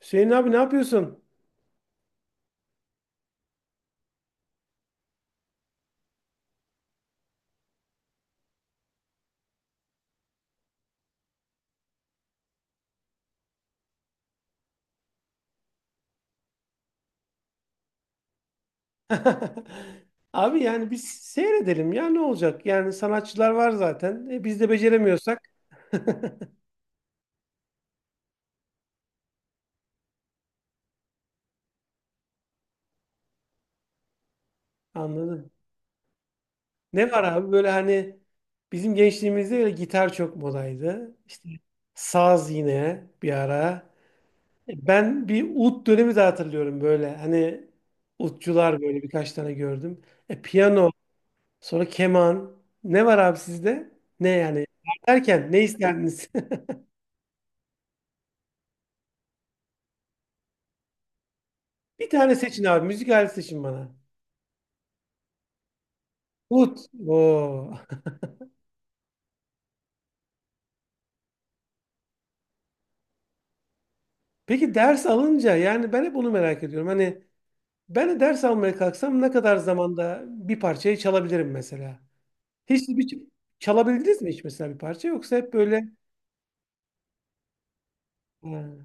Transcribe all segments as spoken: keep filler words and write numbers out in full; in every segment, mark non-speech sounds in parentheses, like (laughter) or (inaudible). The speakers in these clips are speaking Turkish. Hüseyin abi ne yapıyorsun? (laughs) Abi yani biz seyredelim ya ne olacak? Yani sanatçılar var zaten. E, biz de beceremiyorsak. (laughs) Anladım. Ne var abi böyle hani bizim gençliğimizde böyle gitar çok modaydı. İşte saz yine bir ara. E, Ben bir ut dönemi de hatırlıyorum böyle. Hani utçular böyle birkaç tane gördüm. E, piyano, sonra keman. Ne var abi sizde? Ne yani? Derken ne isterdiniz? Bir tane seçin abi. Müzik aleti seçin bana. Ut. Oo. (laughs) Peki ders alınca yani ben hep onu merak ediyorum. Hani ben de ders almaya kalksam ne kadar zamanda bir parçayı çalabilirim mesela? Hiç bir çalabildiniz mi hiç mesela bir parça yoksa hep böyle ha,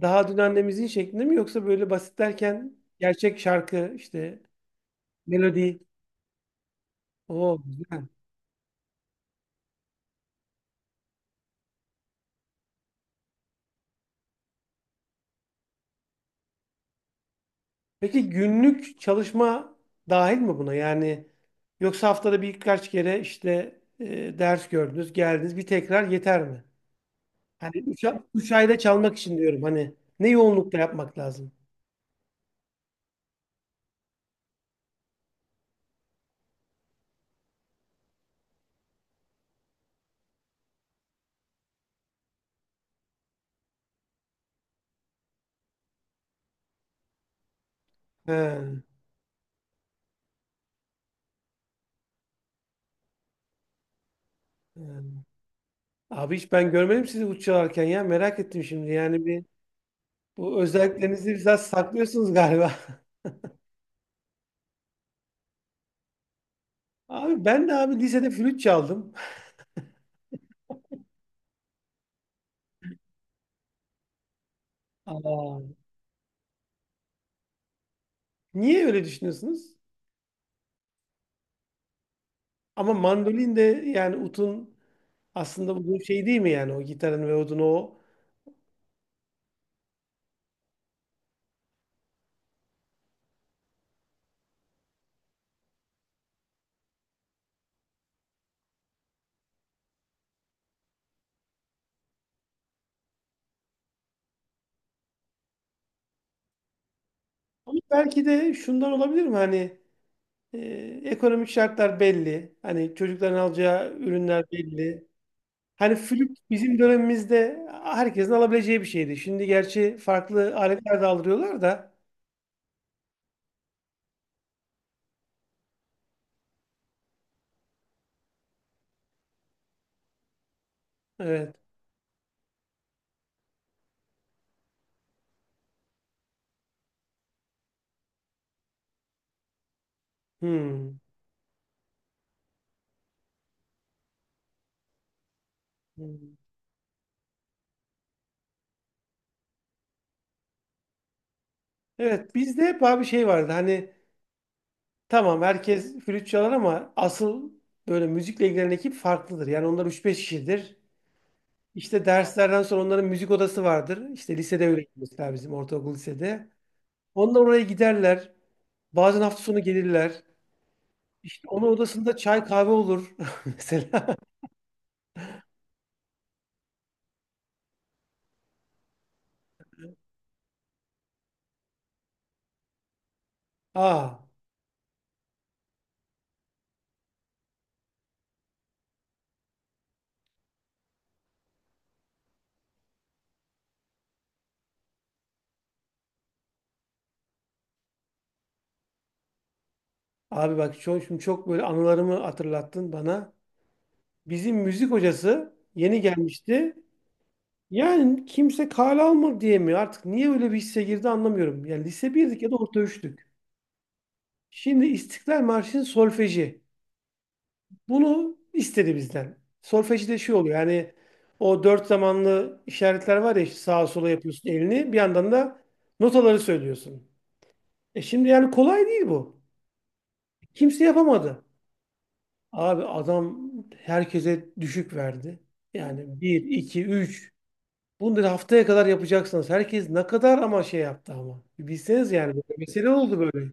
daha dün annemizin şeklinde mi yoksa böyle basit derken gerçek şarkı işte melodi. Oo, güzel. Peki günlük çalışma dahil mi buna? Yani yoksa haftada birkaç kere işte e, ders gördünüz, geldiniz bir tekrar yeter mi? Hani 3 üç, a- üç ayda çalmak için diyorum hani ne yoğunlukta yapmak lazım? He, he. Abi hiç ben görmedim sizi uç çalarken ya merak ettim şimdi yani bir bu özelliklerinizi biraz saklıyorsunuz galiba. (laughs) Abi ben de abi lisede flüt çaldım. Aa. Niye öyle düşünüyorsunuz? Ama mandolin de yani utun aslında bu şey değil mi yani o gitarın ve odun o. Ama belki de şundan olabilir mi hani e, ekonomik şartlar belli. Hani çocukların alacağı ürünler belli. Hani flüt bizim dönemimizde herkesin alabileceği bir şeydi. Şimdi gerçi farklı aletler de aldırıyorlar da. Evet. Hmm. Hmm. Evet, bizde hep abi şey vardı hani tamam herkes flüt çalar ama asıl böyle müzikle ilgilenen ekip farklıdır. Yani onlar üç beş kişidir. İşte derslerden sonra onların müzik odası vardır. İşte lisede öyle mesela bizim ortaokul lisede. Onlar oraya giderler. Bazen hafta sonu gelirler. İşte onun odasında çay kahve olur (laughs) mesela. Aa, abi bak çok, şimdi çok böyle anılarımı hatırlattın bana. Bizim müzik hocası yeni gelmişti. Yani kimse kale almadı diye mi artık niye öyle bir hisse girdi anlamıyorum. Yani lise birdik ya da orta üçtük. Şimdi İstiklal Marşı'nın solfeji. Bunu istedi bizden. Solfejde şey oluyor yani o dört zamanlı işaretler var ya işte sağa sola yapıyorsun elini bir yandan da notaları söylüyorsun. E şimdi yani kolay değil bu. Kimse yapamadı. Abi adam herkese düşük verdi. Yani bir, iki, üç. Bunları haftaya kadar yapacaksınız. Herkes ne kadar ama şey yaptı ama. Bilseniz yani böyle mesele oldu böyle.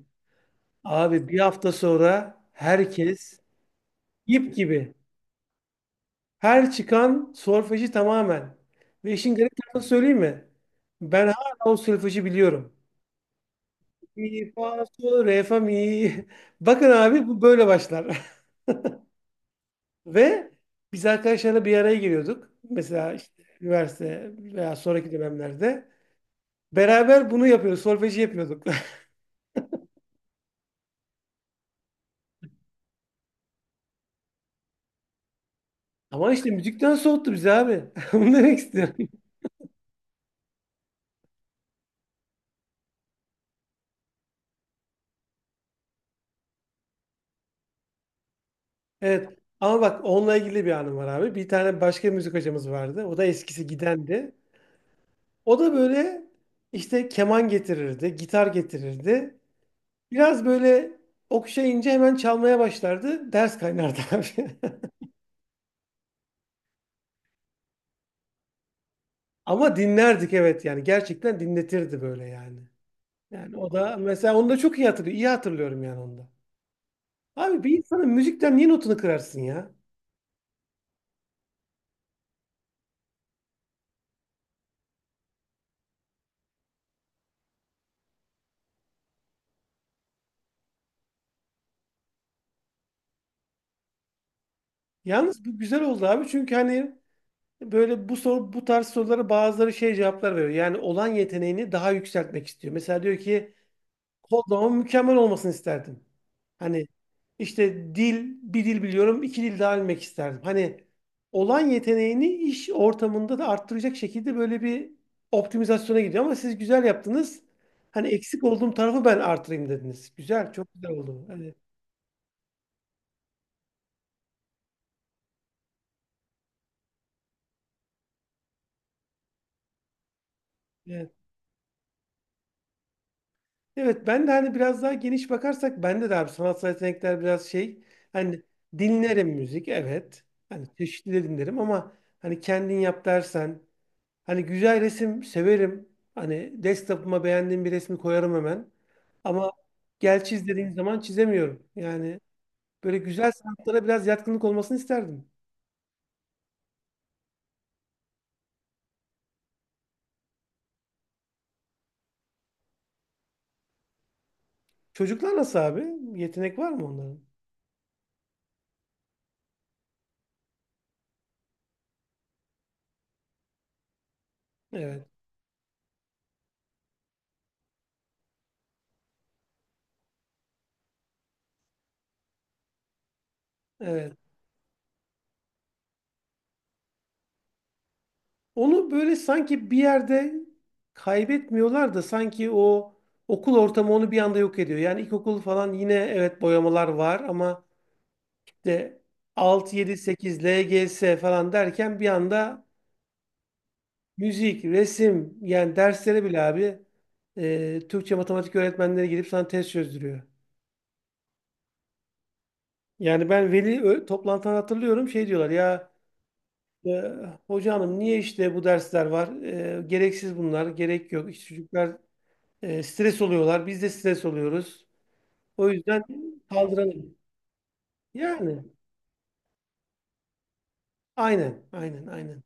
Abi bir hafta sonra herkes ip gibi. Her çıkan solfeji tamamen. Ve işin garip tarafını söyleyeyim mi? Ben hala o solfeji biliyorum. Mi, fa, sol, re, fa, mi. (laughs) Bakın abi bu böyle başlar. (laughs) Ve biz arkadaşlarla bir araya geliyorduk. Mesela işte üniversite veya sonraki dönemlerde. Beraber bunu yapıyoruz. Solfeji yapıyorduk. (laughs) Ama işte müzikten soğuttu bizi abi. (laughs) Bunu demek istiyorum. (laughs) Evet. Ama bak onunla ilgili bir anım var abi. Bir tane başka müzik hocamız vardı. O da eskisi gidendi. O da böyle işte keman getirirdi, gitar getirirdi. Biraz böyle okşayınca hemen çalmaya başlardı. Ders kaynardı (laughs) abi. Ama dinlerdik, evet, yani gerçekten dinletirdi böyle yani. Yani o da mesela onu da çok iyi hatırlıyor. İyi hatırlıyorum yani onu da. Abi bir insanın müzikten niye notunu kırarsın ya? Yalnız bu güzel oldu abi çünkü hani böyle bu soru bu tarz sorulara bazıları şey cevaplar veriyor. Yani olan yeteneğini daha yükseltmek istiyor. Mesela diyor ki kodlamamın mükemmel olmasını isterdim. Hani işte dil, bir dil biliyorum, iki dil daha bilmek isterdim. Hani olan yeteneğini iş ortamında da arttıracak şekilde böyle bir optimizasyona gidiyor. Ama siz güzel yaptınız. Hani eksik olduğum tarafı ben artırayım dediniz. Güzel, çok güzel oldu. Hani, evet. Evet, ben de hani biraz daha geniş bakarsak bende de abi sanatsal yetenekler biraz şey. Hani dinlerim müzik, evet. Hani çeşitli de dinlerim ama hani kendin yap dersen hani güzel resim severim. Hani desktop'uma beğendiğim bir resmi koyarım hemen. Ama gel çiz dediğim zaman çizemiyorum. Yani böyle güzel sanatlara biraz yatkınlık olmasını isterdim. Çocuklar nasıl abi? Yetenek var mı onların? Evet, evet. Onu böyle sanki bir yerde kaybetmiyorlar da sanki o okul ortamı onu bir anda yok ediyor. Yani ilkokul falan yine evet boyamalar var ama de altı, yedi, sekiz, L G S falan derken bir anda müzik, resim yani derslere bile abi e, Türkçe matematik öğretmenleri gelip sana test çözdürüyor. Yani ben veli ö- toplantılarını hatırlıyorum şey diyorlar ya e, hoca hanım niye işte bu dersler var? E, gereksiz bunlar, gerek yok. İşte çocuklar e, stres oluyorlar, biz de stres oluyoruz. O yüzden kaldıralım. Yani aynen, aynen, aynen.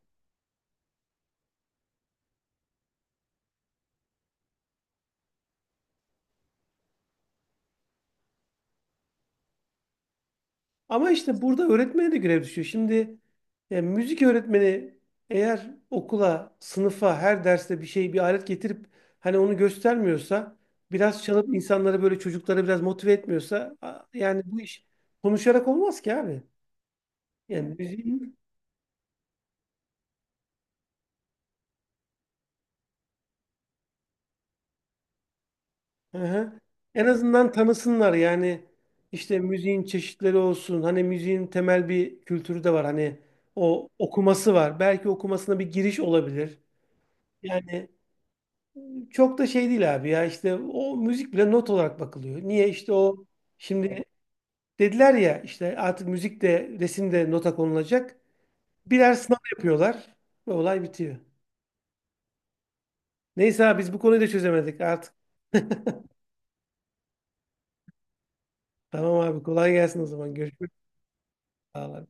Ama işte burada öğretmene de görev düşüyor. Şimdi e, müzik öğretmeni eğer okula, sınıfa, her derste bir şey, bir alet getirip hani onu göstermiyorsa, biraz çalıp insanları böyle çocukları biraz motive etmiyorsa a- yani bu iş konuşarak olmaz ki abi. Yani müziğin, hı hı, en azından tanısınlar yani işte müziğin çeşitleri olsun. Hani müziğin temel bir kültürü de var. Hani o okuması var. Belki okumasına bir giriş olabilir. Yani çok da şey değil abi ya işte o müzik bile not olarak bakılıyor. Niye işte o şimdi dediler ya işte artık müzik de resim de nota konulacak. Birer sınav yapıyorlar ve olay bitiyor. Neyse abi biz bu konuyu da çözemedik artık. Tamam abi kolay gelsin o zaman görüşürüz. Sağ ol abi.